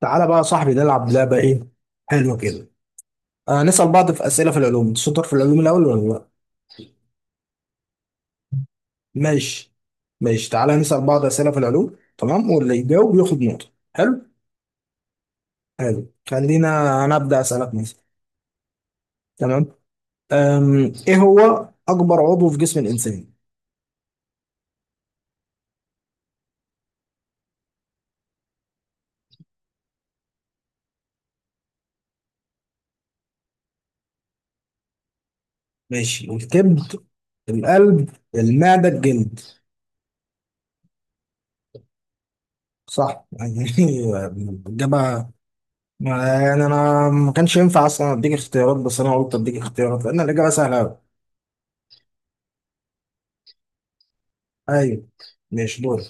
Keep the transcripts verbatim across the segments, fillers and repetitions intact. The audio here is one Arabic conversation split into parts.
تعالى بقى يا صاحبي، نلعب لعبة. ايه، حلوة كده. آه نسأل بعض في أسئلة في العلوم. أنت شاطر في العلوم الأول ولا لا؟ ماشي. ماشي، تعالى نسأل بعض أسئلة في العلوم. تمام، واللي يجاوب ياخد نقطة. حلو. حلو، خلينا أنا أبدأ أسألك مثلا. تمام. أم ايه هو أكبر عضو في جسم الإنسان؟ ماشي، الكبد، القلب، المعدة، الجلد. صح يعني. الإجابة. يعني أنا ما كانش ينفع أصلا أديك اختيارات، بس أنا قلت أديك اختيارات لأن الإجابة سهلة أوي. ايوه، ماشي دور.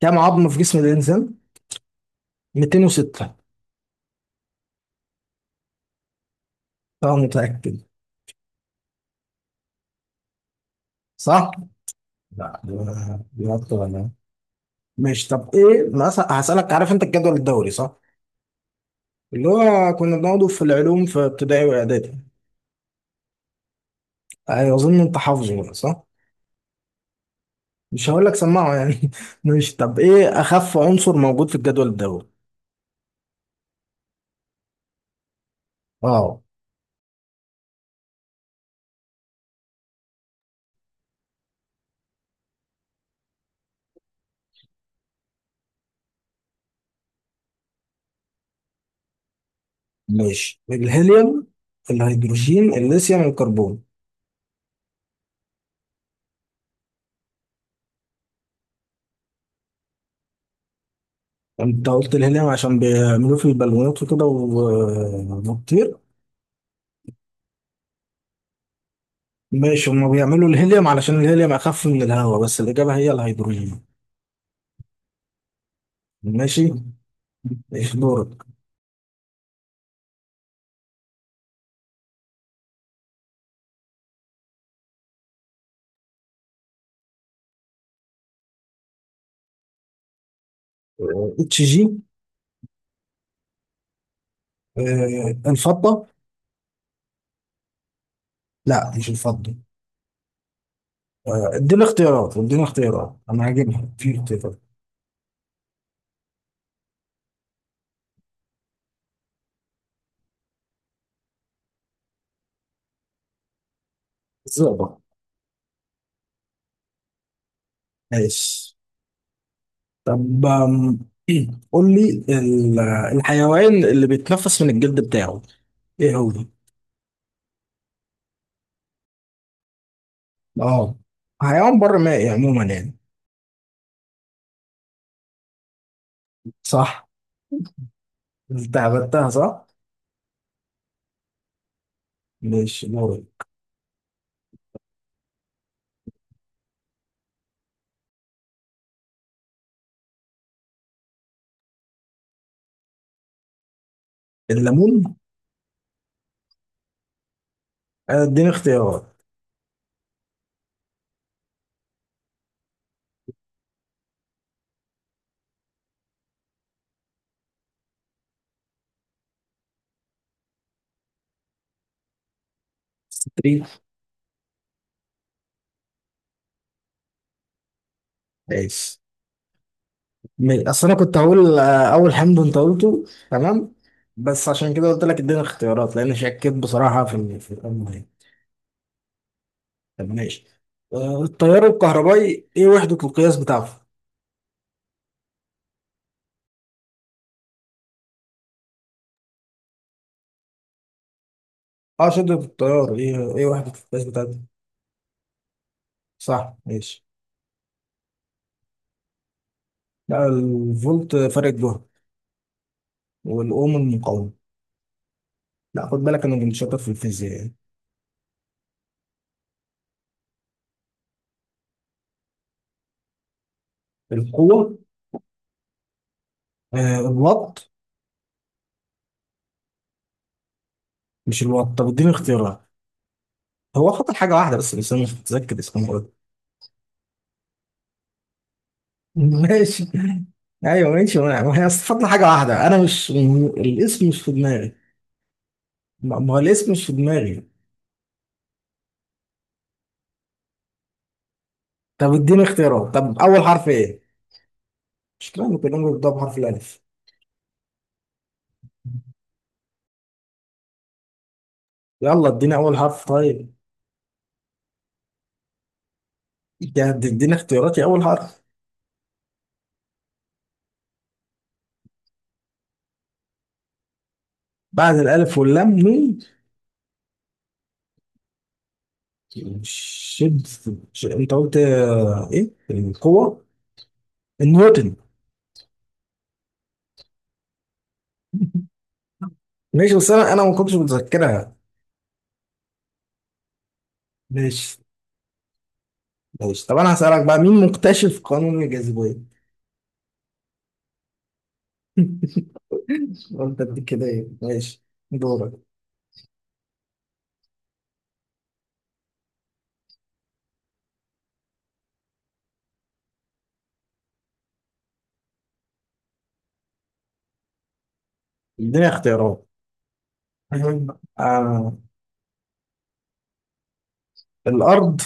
كم عظمة في جسم الإنسان؟ مئتين وستة. أنا متأكد. صح؟ لا، ده- دي أكتر أنا. ماشي، طب إيه مثلا هسألك. عارف أنت الجدول الدوري، صح؟ اللي هو كنا بناخده في العلوم في ابتدائي وإعدادي. أيوة، أظن أنت حافظه بقى، صح؟ مش هقول لك سمعه يعني. ماشي، طب إيه أخف عنصر موجود في الجدول الدوري؟ أه. ماشي، الهيليوم، الهيدروجين، الليثيوم، الكربون. أنت قلت الهيليوم عشان بيعملوه في البالونات وكده و- وبتطير. ماشي، هما بيعملوا الهيليوم علشان الهيليوم اخف من الهواء، بس الاجابه هي الهيدروجين. ماشي. ايش دورك؟ آه، اتش جي. آه، الفضه. لا، مش الفضه. آه، اديني اختيارات، اديني اختيارات، انا هجيبها في اختيارات. الزئبق. ماشي، طب آم، قول لي ال- الحيوان اللي بيتنفس من الجلد بتاعه، ايه هو؟ اه، حيوان بر مائي عموما يعني. صح. انت عبدتها، صح؟ ماشي دورك. الليمون. آه، اديني اختيارات. ستريت. ماشي، ما- اصل انا كنت هقول، آه، اول حمد انت قلته. تمام، بس عشان كده قلت لك اديني اختيارات، لان شكيت بصراحه في ال- في الامر يعني. طب ماشي. آه، التيار الكهربائي ايه وحده القياس بتاعته؟ اه، شده التيار. ايه ايه وحده القياس بتاعته؟ صح، ماشي. لا، الفولت فرق جهد، والاوم المقاومه. لا، خد بالك انا كنت شاطر في الفيزياء يعني. القوه. آه، الوات. مش الوات، طب اديني اختيارات. هو خطر حاجه واحده بس بس انا مش متذكر اسمها. ماشي. ايوه ماشي، ما ما هي استفدنا حاجه واحده، انا مش م- الاسم مش في دماغي. ما ما هو الاسم مش في دماغي. طب اديني اختيارات، طب اول حرف ايه؟ مش كده ممكن نقول بنبدا بحرف الالف. يلا، اديني اول حرف طيب. يا هت- اديني اختياراتي، اول حرف. بعد الالف واللام مين؟ شد ش- انت قلت، آه، ايه القوه؟ النيوتن. ماشي، بس انا انا ما كنتش متذكرها. ماشي. ماشي، طب انا هسالك بقى، مين مكتشف قانون الجاذبيه؟ قلت اديك كده، ايه ماشي. دورك. اديني اختيارات. آه. الارض.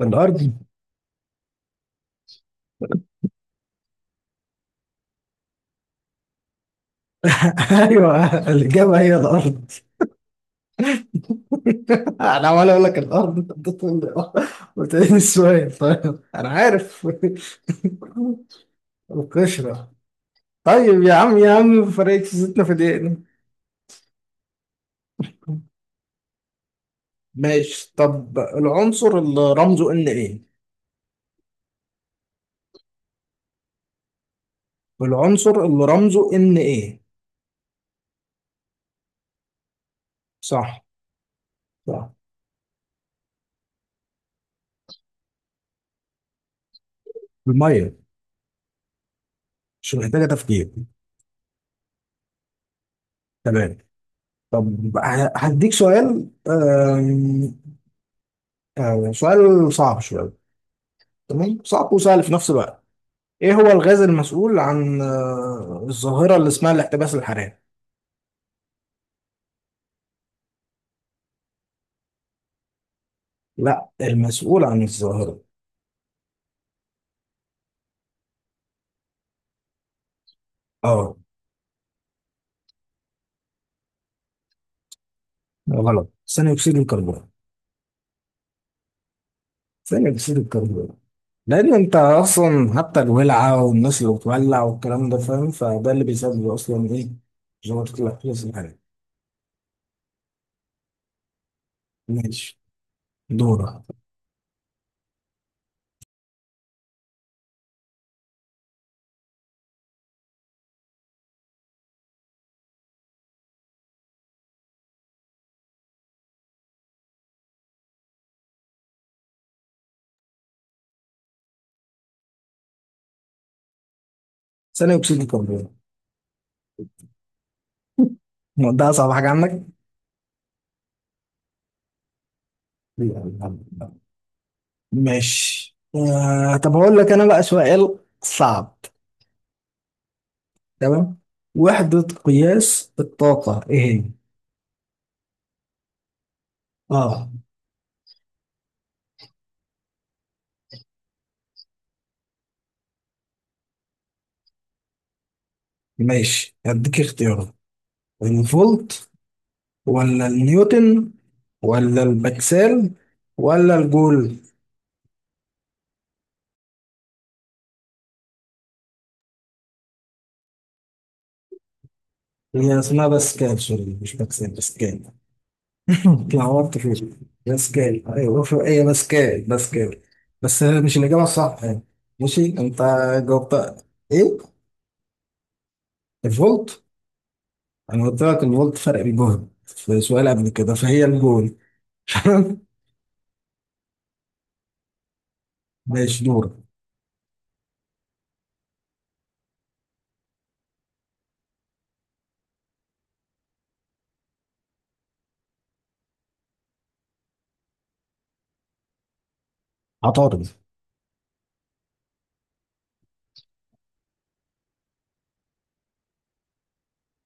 الارض. ايوه، الاجابه هي الارض. انا عمال اقول لك الارض، أنت بتقول لي آه، قلت لي السؤال، طيب انا عارف. القشره. طيب يا عم، يا عم فرقت زيتنا في دقيقه. ماشي، طب العنصر اللي رمزه ان ايه؟ العنصر اللي رمزه ان ايه؟ صح. صح. الميه. مش محتاجه تفكير. تمام. طب ه- هديك سؤال. آم، آه، سؤال صعب شوية. تمام، صعب وسهل في نفس الوقت. ايه هو الغاز المسؤول عن آه، الظاهرة اللي اسمها الاحتباس الحراري؟ لا، المسؤول عن الظاهرة. اه. غلط. ثاني اكسيد الكربون. ثاني اكسيد الكربون، لان انت اصلا حتى الولعة والناس اللي بتولع والكلام ده، فاهم، فده اللي بيسبب اصلا ايه، ظاهرة الاحتباس الحراري. ماشي. دورة. ثاني اكسيد الكربون. ده اصعب حاجة عندك؟ لا. لا. ماشي، آه طب هقول لك انا بقى سؤال صعب. تمام، وحدة قياس الطاقة ايه هي؟ اه. ماشي، هديك اختيارات. الفولت، ولا النيوتن، ولا البكسل، ولا الجول. هي اسمها باسكال، سوري مش بكسل، باسكال. اتلخبطت في باسكال. ايوه، في- هي باسكال، باسكال. بس مش الإجابة الصح يعني. ماشي، انت جاوبت ايه؟ الفولت. انا قلت لك ان قلت فرق الجهد في سؤال قبل كده، فهي الجول. ماشي دور. عطارد.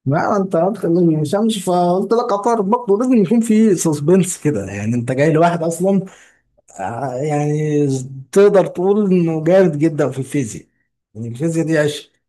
ما انت قلت اني مش همشي، فقلت لك عطارد. برضه لازم يكون في سسبنس كده يعني، انت جاي لواحد اصلا آه، يعني تقدر تقول انه جامد جدا في الفيزياء، يعني الفيزياء دي عشق.